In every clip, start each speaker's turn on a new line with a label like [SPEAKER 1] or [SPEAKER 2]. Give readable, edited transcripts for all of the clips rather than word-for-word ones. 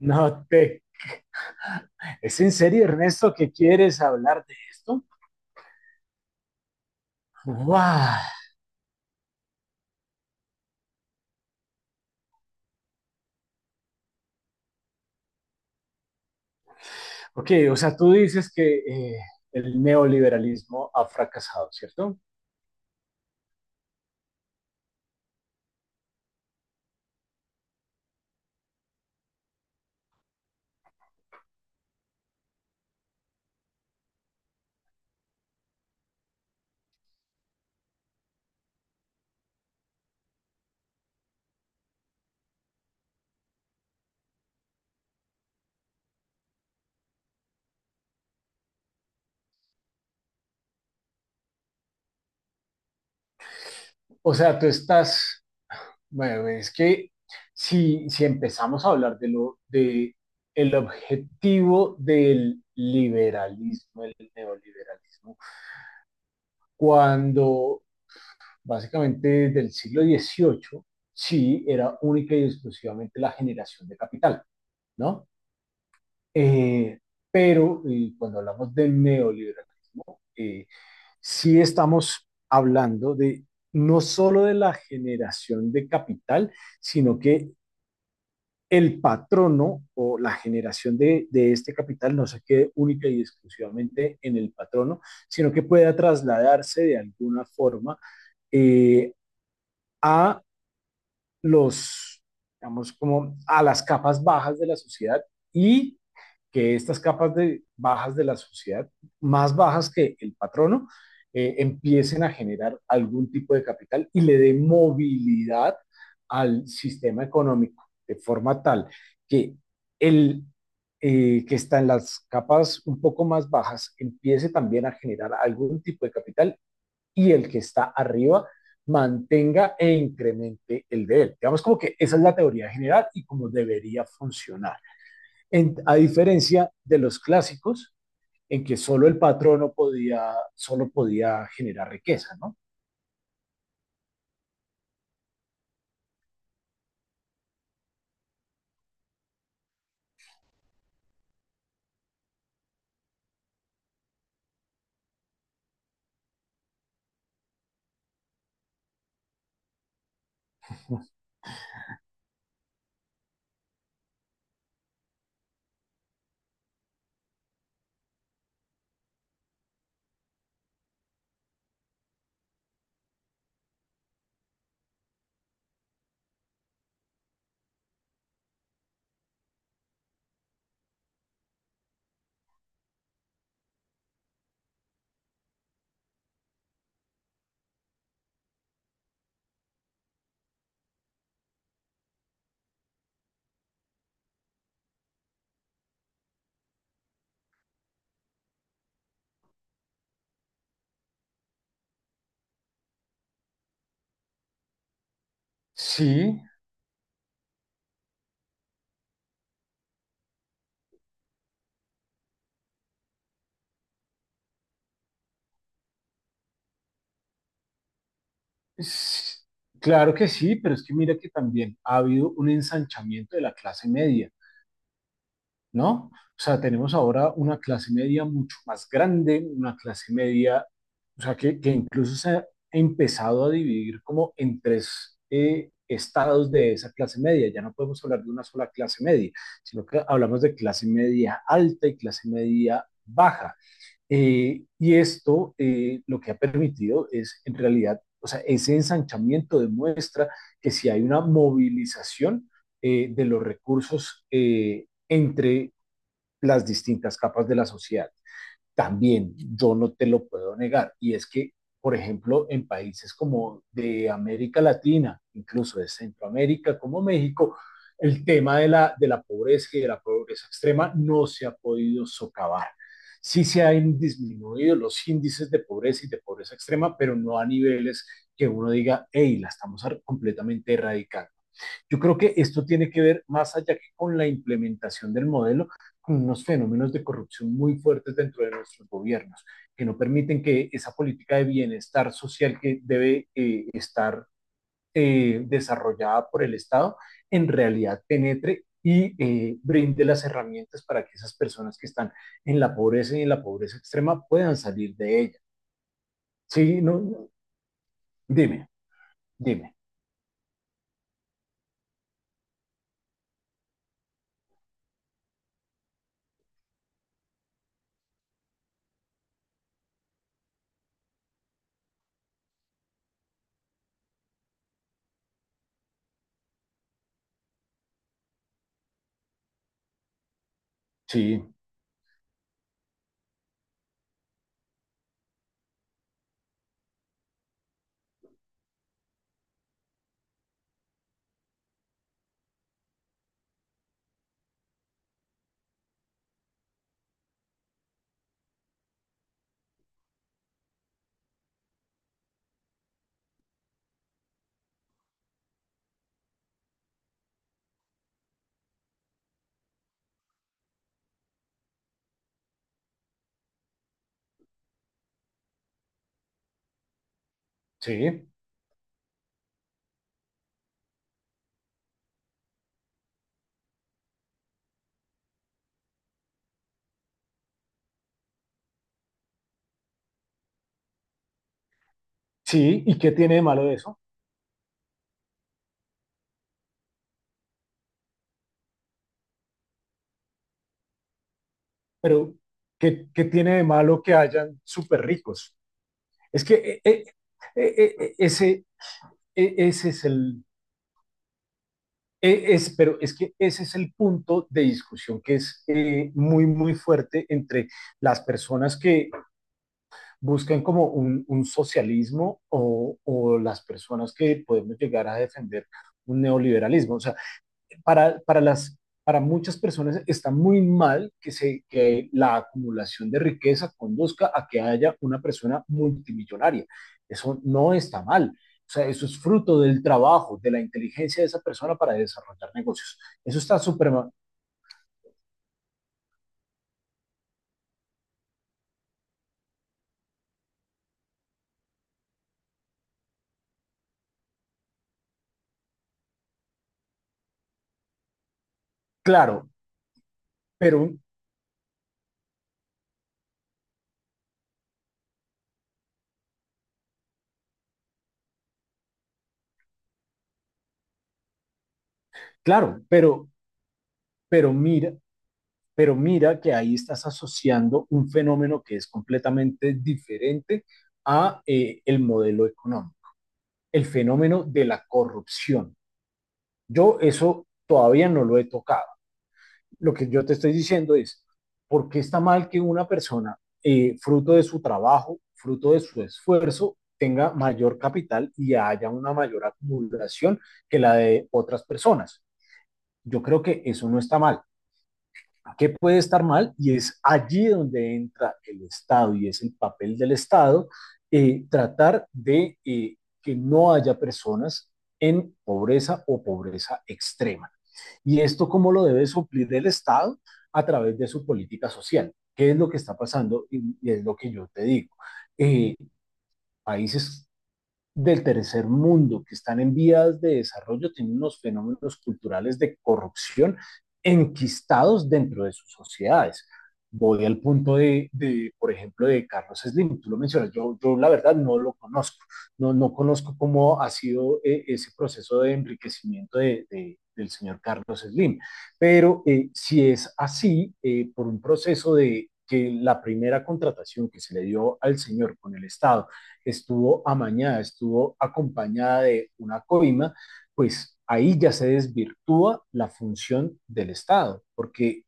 [SPEAKER 1] No te... ¿Es en serio, Ernesto, que quieres hablar de esto? Wow. Ok, o sea, tú dices que el neoliberalismo ha fracasado, ¿cierto? O sea, tú estás... Bueno, es que si empezamos a hablar de lo de el objetivo del liberalismo, el neoliberalismo, cuando básicamente del siglo XVIII, sí, era única y exclusivamente la generación de capital, ¿no? Eh, pero cuando hablamos de neoliberalismo, sí estamos hablando de no solo de la generación de capital, sino que el patrono o la generación de este capital no se quede única y exclusivamente en el patrono, sino que pueda trasladarse de alguna forma eh, a los, digamos, como a las capas bajas de la sociedad y que estas capas de, bajas de la sociedad, más bajas que el patrono, empiecen a generar algún tipo de capital y le dé movilidad al sistema económico, de forma tal que el que está en las capas un poco más bajas empiece también a generar algún tipo de capital y el que está arriba mantenga e incremente el de él. Digamos como que esa es la teoría general y como debería funcionar. En, a diferencia de los clásicos, en que solo el patrono podía, solo podía generar riqueza, ¿no? Sí, sí, claro que sí, pero es que mira que también ha habido un ensanchamiento de la clase media, ¿no? O sea, tenemos ahora una clase media mucho más grande, una clase media, o sea, que incluso se ha empezado a dividir como en tres estados de esa clase media. Ya no podemos hablar de una sola clase media, sino que hablamos de clase media alta y clase media baja. Y esto lo que ha permitido es, en realidad, o sea, ese ensanchamiento demuestra que si hay una movilización de los recursos entre las distintas capas de la sociedad. También yo no te lo puedo negar, y es que, por ejemplo, en países como de América Latina, incluso de Centroamérica, como México, el tema de la pobreza y de la pobreza extrema no se ha podido socavar. Sí se han disminuido los índices de pobreza y de pobreza extrema, pero no a niveles que uno diga, hey, la estamos completamente erradicando. Yo creo que esto tiene que ver más allá que con la implementación del modelo, con unos fenómenos de corrupción muy fuertes dentro de nuestros gobiernos, que no permiten que esa política de bienestar social que debe estar desarrollada por el Estado en realidad penetre y brinde las herramientas para que esas personas que están en la pobreza y en la pobreza extrema puedan salir de ella. Sí, no, no. Dime, dime. Sí, sí, sí. ¿Y qué tiene de malo eso? Pero, ¿qué, qué tiene de malo que hayan súper ricos? Es que ese, ese es el, es, pero es que ese es el punto de discusión que es muy, muy fuerte entre las personas que buscan como un socialismo o, las personas que podemos llegar a defender un neoliberalismo. O sea, para, para, las, para muchas personas está muy mal que, se, que la acumulación de riqueza conduzca a que haya una persona multimillonaria. Eso no está mal. O sea, eso es fruto del trabajo, de la inteligencia de esa persona para desarrollar negocios. Eso está súper claro, pero claro, pero pero mira, pero mira que ahí estás asociando un fenómeno que es completamente diferente a el modelo económico, el fenómeno de la corrupción. Yo eso todavía no lo he tocado. Lo que yo te estoy diciendo es, ¿por qué está mal que una persona, fruto de su trabajo, fruto de su esfuerzo, tenga mayor capital y haya una mayor acumulación que la de otras personas? Yo creo que eso no está mal. ¿Qué puede estar mal? Y es allí donde entra el Estado y es el papel del Estado tratar de que no haya personas en pobreza o pobreza extrema. ¿Y esto cómo lo debe suplir el Estado? A través de su política social. ¿Qué es lo que está pasando? Y es lo que yo te digo. Eh, Países del tercer mundo, que están en vías de desarrollo, tienen unos fenómenos culturales de corrupción enquistados dentro de sus sociedades. Voy al punto por ejemplo, de Carlos Slim, tú lo mencionas, yo la verdad no lo conozco, no, no conozco cómo ha sido ese proceso de enriquecimiento del señor Carlos Slim, pero si es así, por un proceso de que la primera contratación que se le dio al señor con el Estado estuvo amañada, estuvo acompañada de una coima, pues ahí ya se desvirtúa la función del Estado, porque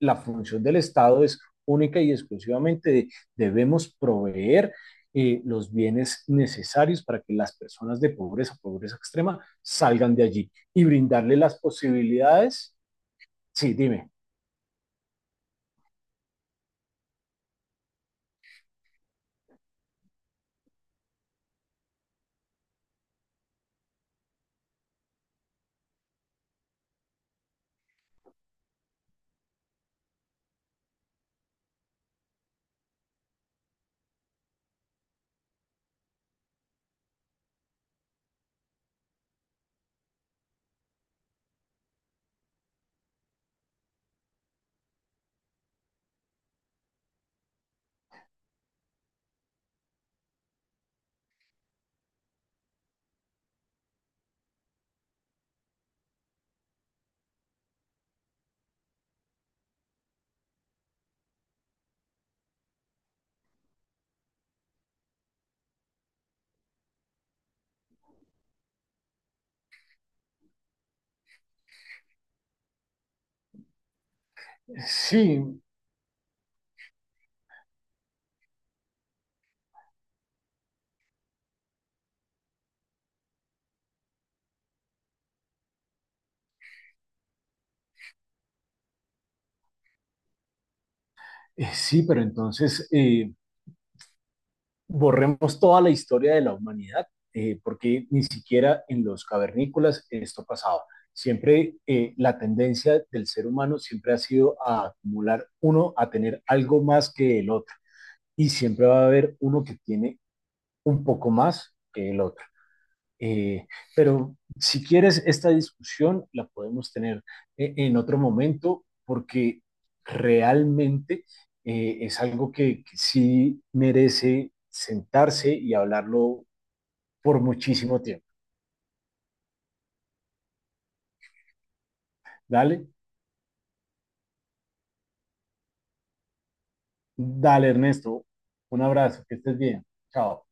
[SPEAKER 1] la función del Estado es única y exclusivamente de, debemos proveer los bienes necesarios para que las personas de pobreza, pobreza extrema, salgan de allí y brindarle las posibilidades. Sí, dime. Sí, sí, pero entonces borremos toda la historia de la humanidad, porque ni siquiera en los cavernícolas esto pasaba. Siempre la tendencia del ser humano siempre ha sido a acumular uno, a tener algo más que el otro, y siempre va a haber uno que tiene un poco más que el otro. Eh, pero si quieres, esta discusión la podemos tener en otro momento porque realmente es algo que sí merece sentarse y hablarlo por muchísimo tiempo. Dale, dale Ernesto, un abrazo, que estés bien. Chao.